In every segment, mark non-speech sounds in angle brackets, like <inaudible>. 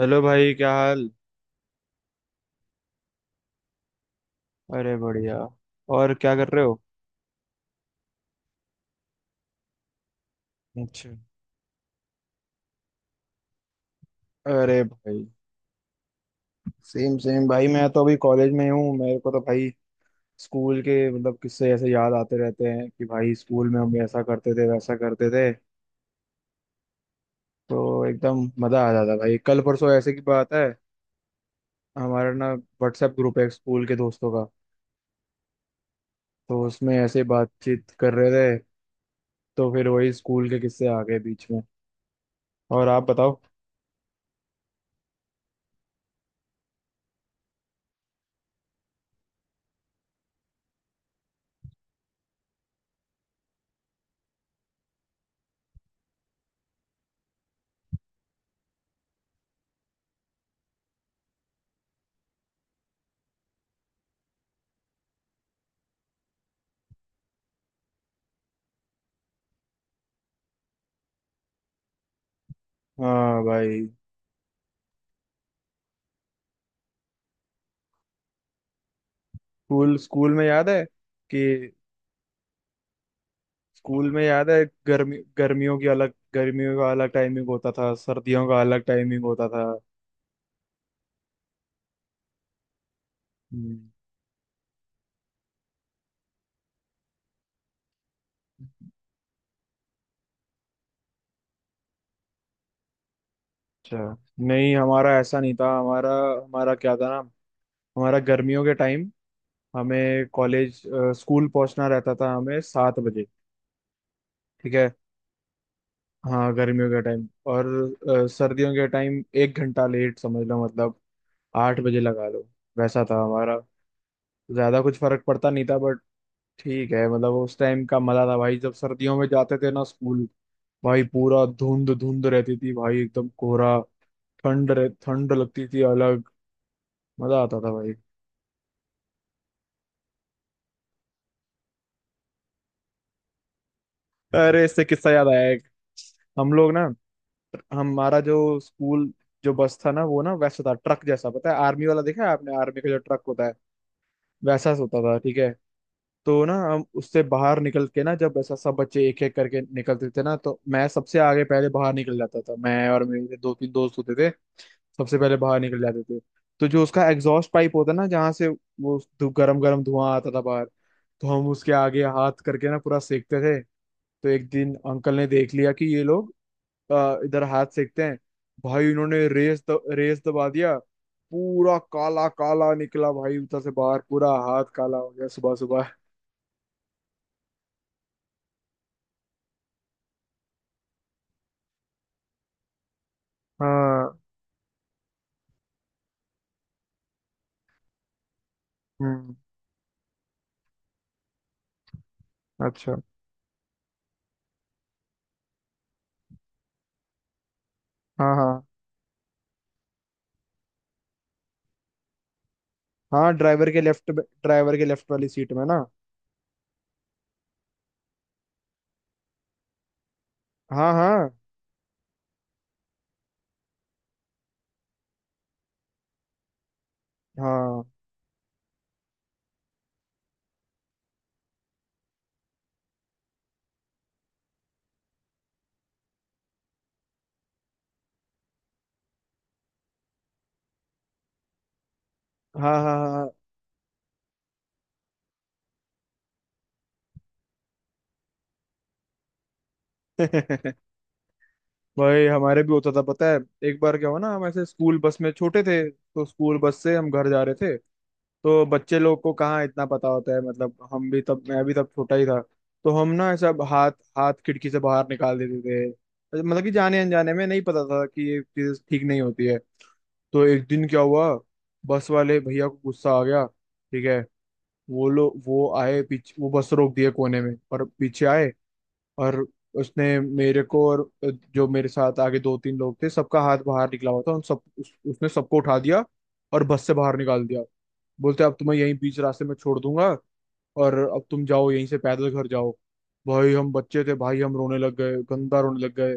Hello भाई, क्या हाल। अरे बढ़िया। और क्या कर रहे हो? अच्छा। अरे भाई, सेम सेम भाई, मैं तो अभी कॉलेज में ही हूँ। मेरे को तो भाई स्कूल के मतलब किस्से ऐसे याद आते रहते हैं कि भाई स्कूल में हम ऐसा करते थे, वैसा करते थे, तो एकदम मजा आ जाता। भाई कल परसों ऐसे की बात है। हमारा ना व्हाट्सएप ग्रुप है स्कूल के दोस्तों का, तो उसमें ऐसे बातचीत कर रहे थे, तो फिर वही स्कूल के किस्से आ गए बीच में। और आप बताओ। हाँ भाई। स्कूल स्कूल में याद है कि स्कूल में याद है गर्मी गर्मियों की अलग, गर्मियों का अलग टाइमिंग होता था, सर्दियों का अलग टाइमिंग होता था। हम्म, अच्छा। नहीं, हमारा ऐसा नहीं था। हमारा हमारा क्या था ना, हमारा गर्मियों के टाइम हमें कॉलेज स्कूल पहुंचना रहता था हमें सात बजे। ठीक है। हाँ गर्मियों के टाइम। और सर्दियों के टाइम एक घंटा लेट समझ लो, मतलब आठ बजे लगा लो। वैसा था हमारा। ज्यादा कुछ फर्क पड़ता नहीं था, बट ठीक है। मतलब उस टाइम का मजा था भाई, जब सर्दियों में जाते थे ना स्कूल। भाई पूरा धुंध धुंध रहती थी भाई, एकदम कोहरा। ठंड लगती थी अलग। मजा आता था भाई। अरे इससे किस्सा याद आया एक। हम लोग ना, हमारा जो स्कूल, जो बस था ना, वो ना वैसा था ट्रक जैसा, पता है आर्मी वाला, देखा है आपने आर्मी का जो ट्रक होता है, वैसा होता था। ठीक है। तो ना हम उससे बाहर निकल के ना, जब ऐसा सब बच्चे एक एक करके निकलते थे ना, तो मैं सबसे आगे पहले बाहर निकल जाता था, मैं और मेरे दो तीन दोस्त होते थे, सबसे पहले बाहर निकल जाते थे। तो जो उसका एग्जॉस्ट पाइप होता ना, जहाँ से वो गरम गरम धुआं आता था बाहर, तो हम उसके आगे हाथ करके ना पूरा सेकते थे। तो एक दिन अंकल ने देख लिया कि ये लोग इधर हाथ सेकते हैं। भाई उन्होंने रेस दबा दिया। पूरा काला काला निकला भाई उधर से बाहर, पूरा हाथ काला हो गया सुबह सुबह। हाँ। हम्म। अच्छा। हाँ हाँ हाँ। ड्राइवर के लेफ्ट वाली सीट में ना। हाँ हाँ हाँ। हाँ हाँ हाँ। <laughs> भाई हमारे भी होता था पता है। एक बार क्या हुआ ना, हम ऐसे स्कूल बस में छोटे थे, तो स्कूल बस से हम घर जा रहे थे। तो बच्चे लोग को कहाँ इतना पता होता है, मतलब हम भी तब, मैं भी तब छोटा ही था। तो हम ना ऐसा हाथ हाथ खिड़की से बाहर निकाल देते थे, मतलब कि जाने अनजाने में, नहीं पता था कि ये चीज ठीक नहीं होती है। तो एक दिन क्या हुआ, बस वाले भैया को गुस्सा आ गया। ठीक है, वो लोग वो आए पीछे, वो बस रोक दिए कोने में और पीछे आए। और उसने मेरे को और जो मेरे साथ आगे दो तीन लोग थे, सबका हाथ बाहर निकला हुआ था, उसने सबको उठा दिया और बस से बाहर निकाल दिया। बोलते अब तुम्हें यहीं बीच रास्ते में छोड़ दूंगा, और अब तुम जाओ यहीं से पैदल घर जाओ। भाई हम बच्चे थे भाई, हम रोने लग गए, गंदा रोने लग गए।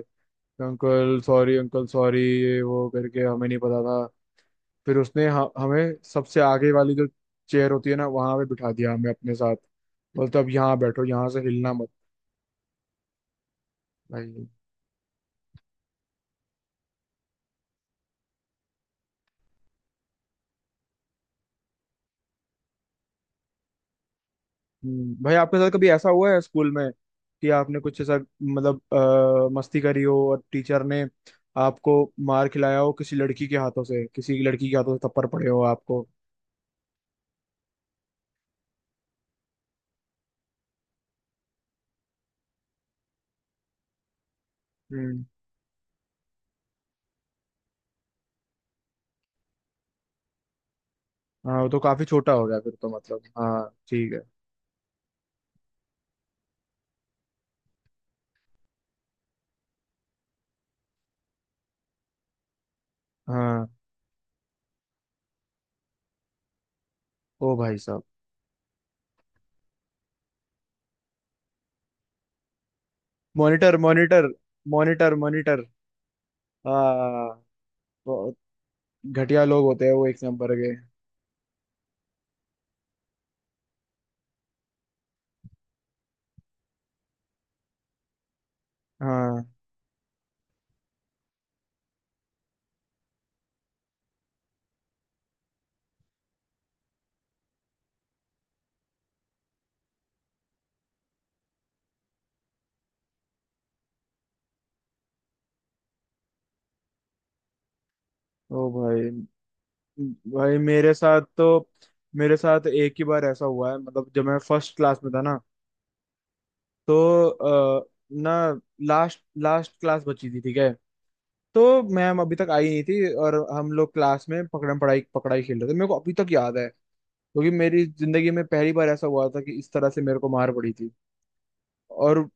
अंकल सॉरी, अंकल सॉरी, ये वो करके, हमें नहीं पता था। फिर उसने हमें सबसे आगे वाली जो चेयर होती है ना, वहां पे बिठा दिया हमें अपने साथ। बोलते अब यहाँ बैठो, यहाँ से हिलना मत। भाई। भाई आपके साथ कभी ऐसा हुआ है स्कूल में, कि आपने कुछ ऐसा मतलब मस्ती करी हो और टीचर ने आपको मार खिलाया हो किसी लड़की के हाथों से, किसी लड़की के हाथों से थप्पड़ पड़े हो आपको। हम्म। हाँ वो तो काफी छोटा हो गया फिर तो, मतलब हाँ ठीक है। हाँ। ओ भाई साहब। Monitor monitor. Monitor monitor. हाँ, घटिया लोग होते हैं वो एक नंबर के। हाँ। ओ भाई। भाई मेरे साथ तो, मेरे साथ एक ही बार ऐसा हुआ है, मतलब जब मैं फर्स्ट क्लास में था ना, तो ना लास्ट लास्ट क्लास बची थी। ठीक है, तो मैम अभी तक आई नहीं थी और हम लोग क्लास में पकड़म पढ़ाई पकड़ाई खेल रहे थे। मेरे को अभी तक याद है, क्योंकि मेरी जिंदगी में पहली बार ऐसा हुआ था कि इस तरह से मेरे को मार पड़ी थी। और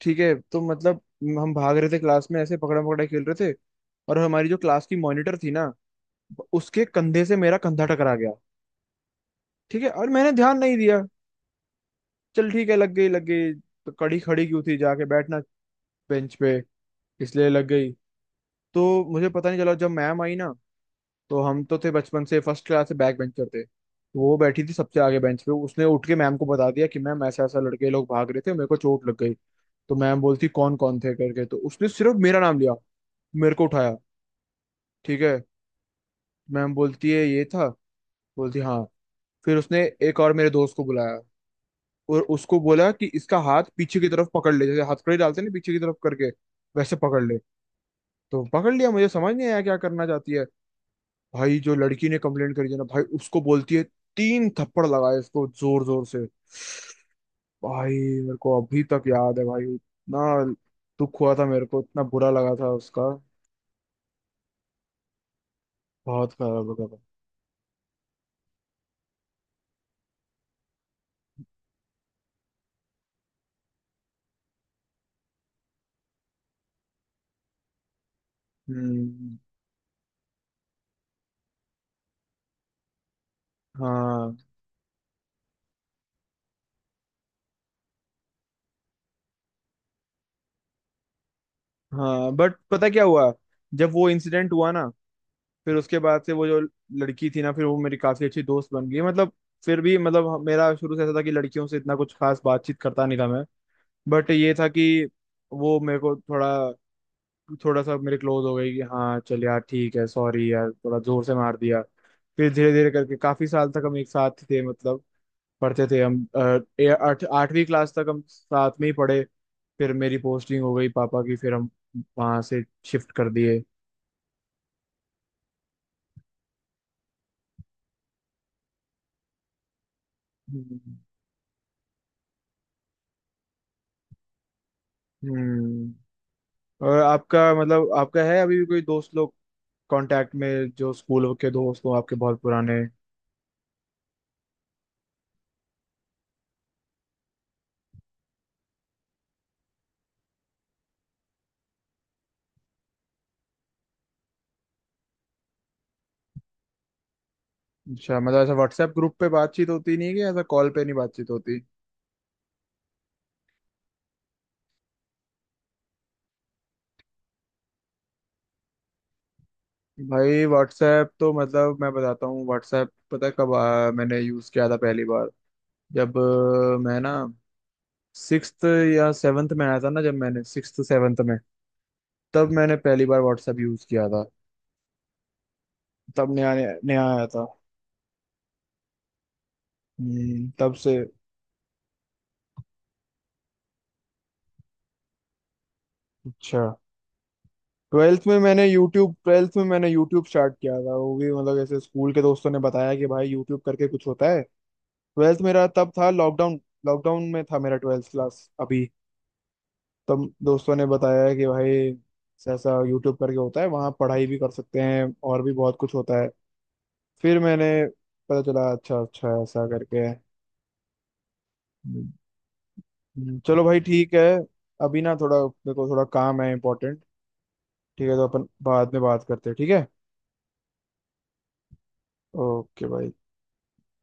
ठीक है तो, मतलब हम भाग रहे थे क्लास में ऐसे पकड़म पकड़ाई खेल रहे थे, और हमारी जो क्लास की मॉनिटर थी ना, उसके कंधे से मेरा कंधा टकरा गया। ठीक है, और मैंने ध्यान नहीं दिया, चल ठीक है लग गई, लग गई तो कड़ी खड़ी क्यों थी, जाके बैठना बेंच पे, इसलिए लग गई। तो मुझे पता नहीं चला, जब मैम आई ना, तो हम तो थे बचपन से फर्स्ट क्लास से बैक बेंचर, थे तो वो बैठी थी सबसे आगे बेंच पे, उसने उठ के मैम को बता दिया कि मैम ऐसा ऐसा लड़के लोग भाग रहे थे मेरे को चोट लग गई। तो मैम बोलती कौन कौन थे करके, तो उसने सिर्फ मेरा नाम लिया, मेरे को उठाया। ठीक है, मैम बोलती है ये था, बोलती हाँ। फिर उसने एक और मेरे दोस्त को बुलाया, और उसको बोला कि इसका हाथ पीछे की तरफ पकड़ ले, जैसे हथकड़ी डालते हैं ना पीछे की तरफ करके, वैसे पकड़ ले। तो पकड़ लिया, मुझे समझ नहीं आया क्या करना चाहती है। भाई जो लड़की ने कंप्लेंट करी थी ना भाई, उसको बोलती है तीन थप्पड़ लगाए इसको जोर जोर से। भाई मेरे को अभी तक याद है भाई, इतना दुख हुआ था मेरे को, इतना बुरा लगा था उसका, बहुत खराब लगा था। हम्म। हाँ हाँ, बट पता क्या हुआ, जब वो इंसिडेंट हुआ ना, फिर उसके बाद से वो जो लड़की थी ना, फिर वो मेरी काफी अच्छी दोस्त बन गई। मतलब फिर भी मतलब मेरा शुरू से ऐसा था कि लड़कियों से इतना कुछ खास बातचीत करता नहीं था मैं, बट ये था कि वो मेरे को थोड़ा, थोड़ा सा मेरे क्लोज हो गई कि हाँ चल यार ठीक है, सॉरी यार थोड़ा जोर से मार दिया। फिर धीरे धीरे करके काफी साल तक हम एक साथ थे। मतलब पढ़ते थे हम, आठ आठवीं क्लास तक हम साथ में ही पढ़े। फिर मेरी पोस्टिंग हो गई पापा की, फिर हम वहां से शिफ्ट कर दिए। हम्म। हम्म। और आपका मतलब आपका है अभी भी कोई दोस्त लोग कांटेक्ट में, जो स्कूल के दोस्त हो आपके बहुत पुराने? अच्छा मतलब ऐसा व्हाट्सएप ग्रुप पे बातचीत होती नहीं है, कि ऐसा कॉल पे नहीं बातचीत होती? भाई व्हाट्सएप तो मतलब मैं बताता हूँ, व्हाट्सएप पता है कब मैंने यूज़ किया था पहली बार, जब मैं ना सिक्स्थ या सेवन्थ में आया था ना, जब मैंने सिक्स्थ सेवन्थ में, तब मैंने पहली बार व्हाट्सएप यूज़ किया था। तब नया नया आया था। तब से। अच्छा। ट्वेल्थ में मैंने यूट्यूब स्टार्ट किया था, वो भी मतलब ऐसे स्कूल के दोस्तों ने बताया कि भाई यूट्यूब करके कुछ होता है। ट्वेल्थ मेरा तब था लॉकडाउन, लॉकडाउन में था मेरा ट्वेल्थ क्लास अभी। तब दोस्तों ने बताया कि भाई ऐसा ऐसा यूट्यूब करके होता है, वहाँ पढ़ाई भी कर सकते हैं और भी बहुत कुछ होता है। फिर मैंने पता चला, अच्छा अच्छा ऐसा करके है। हम्म, चलो भाई ठीक है, अभी ना थोड़ा मेरे को थोड़ा काम है इंपॉर्टेंट। ठीक है, तो अपन बाद में बात करते हैं, ठीक है। ओके भाई।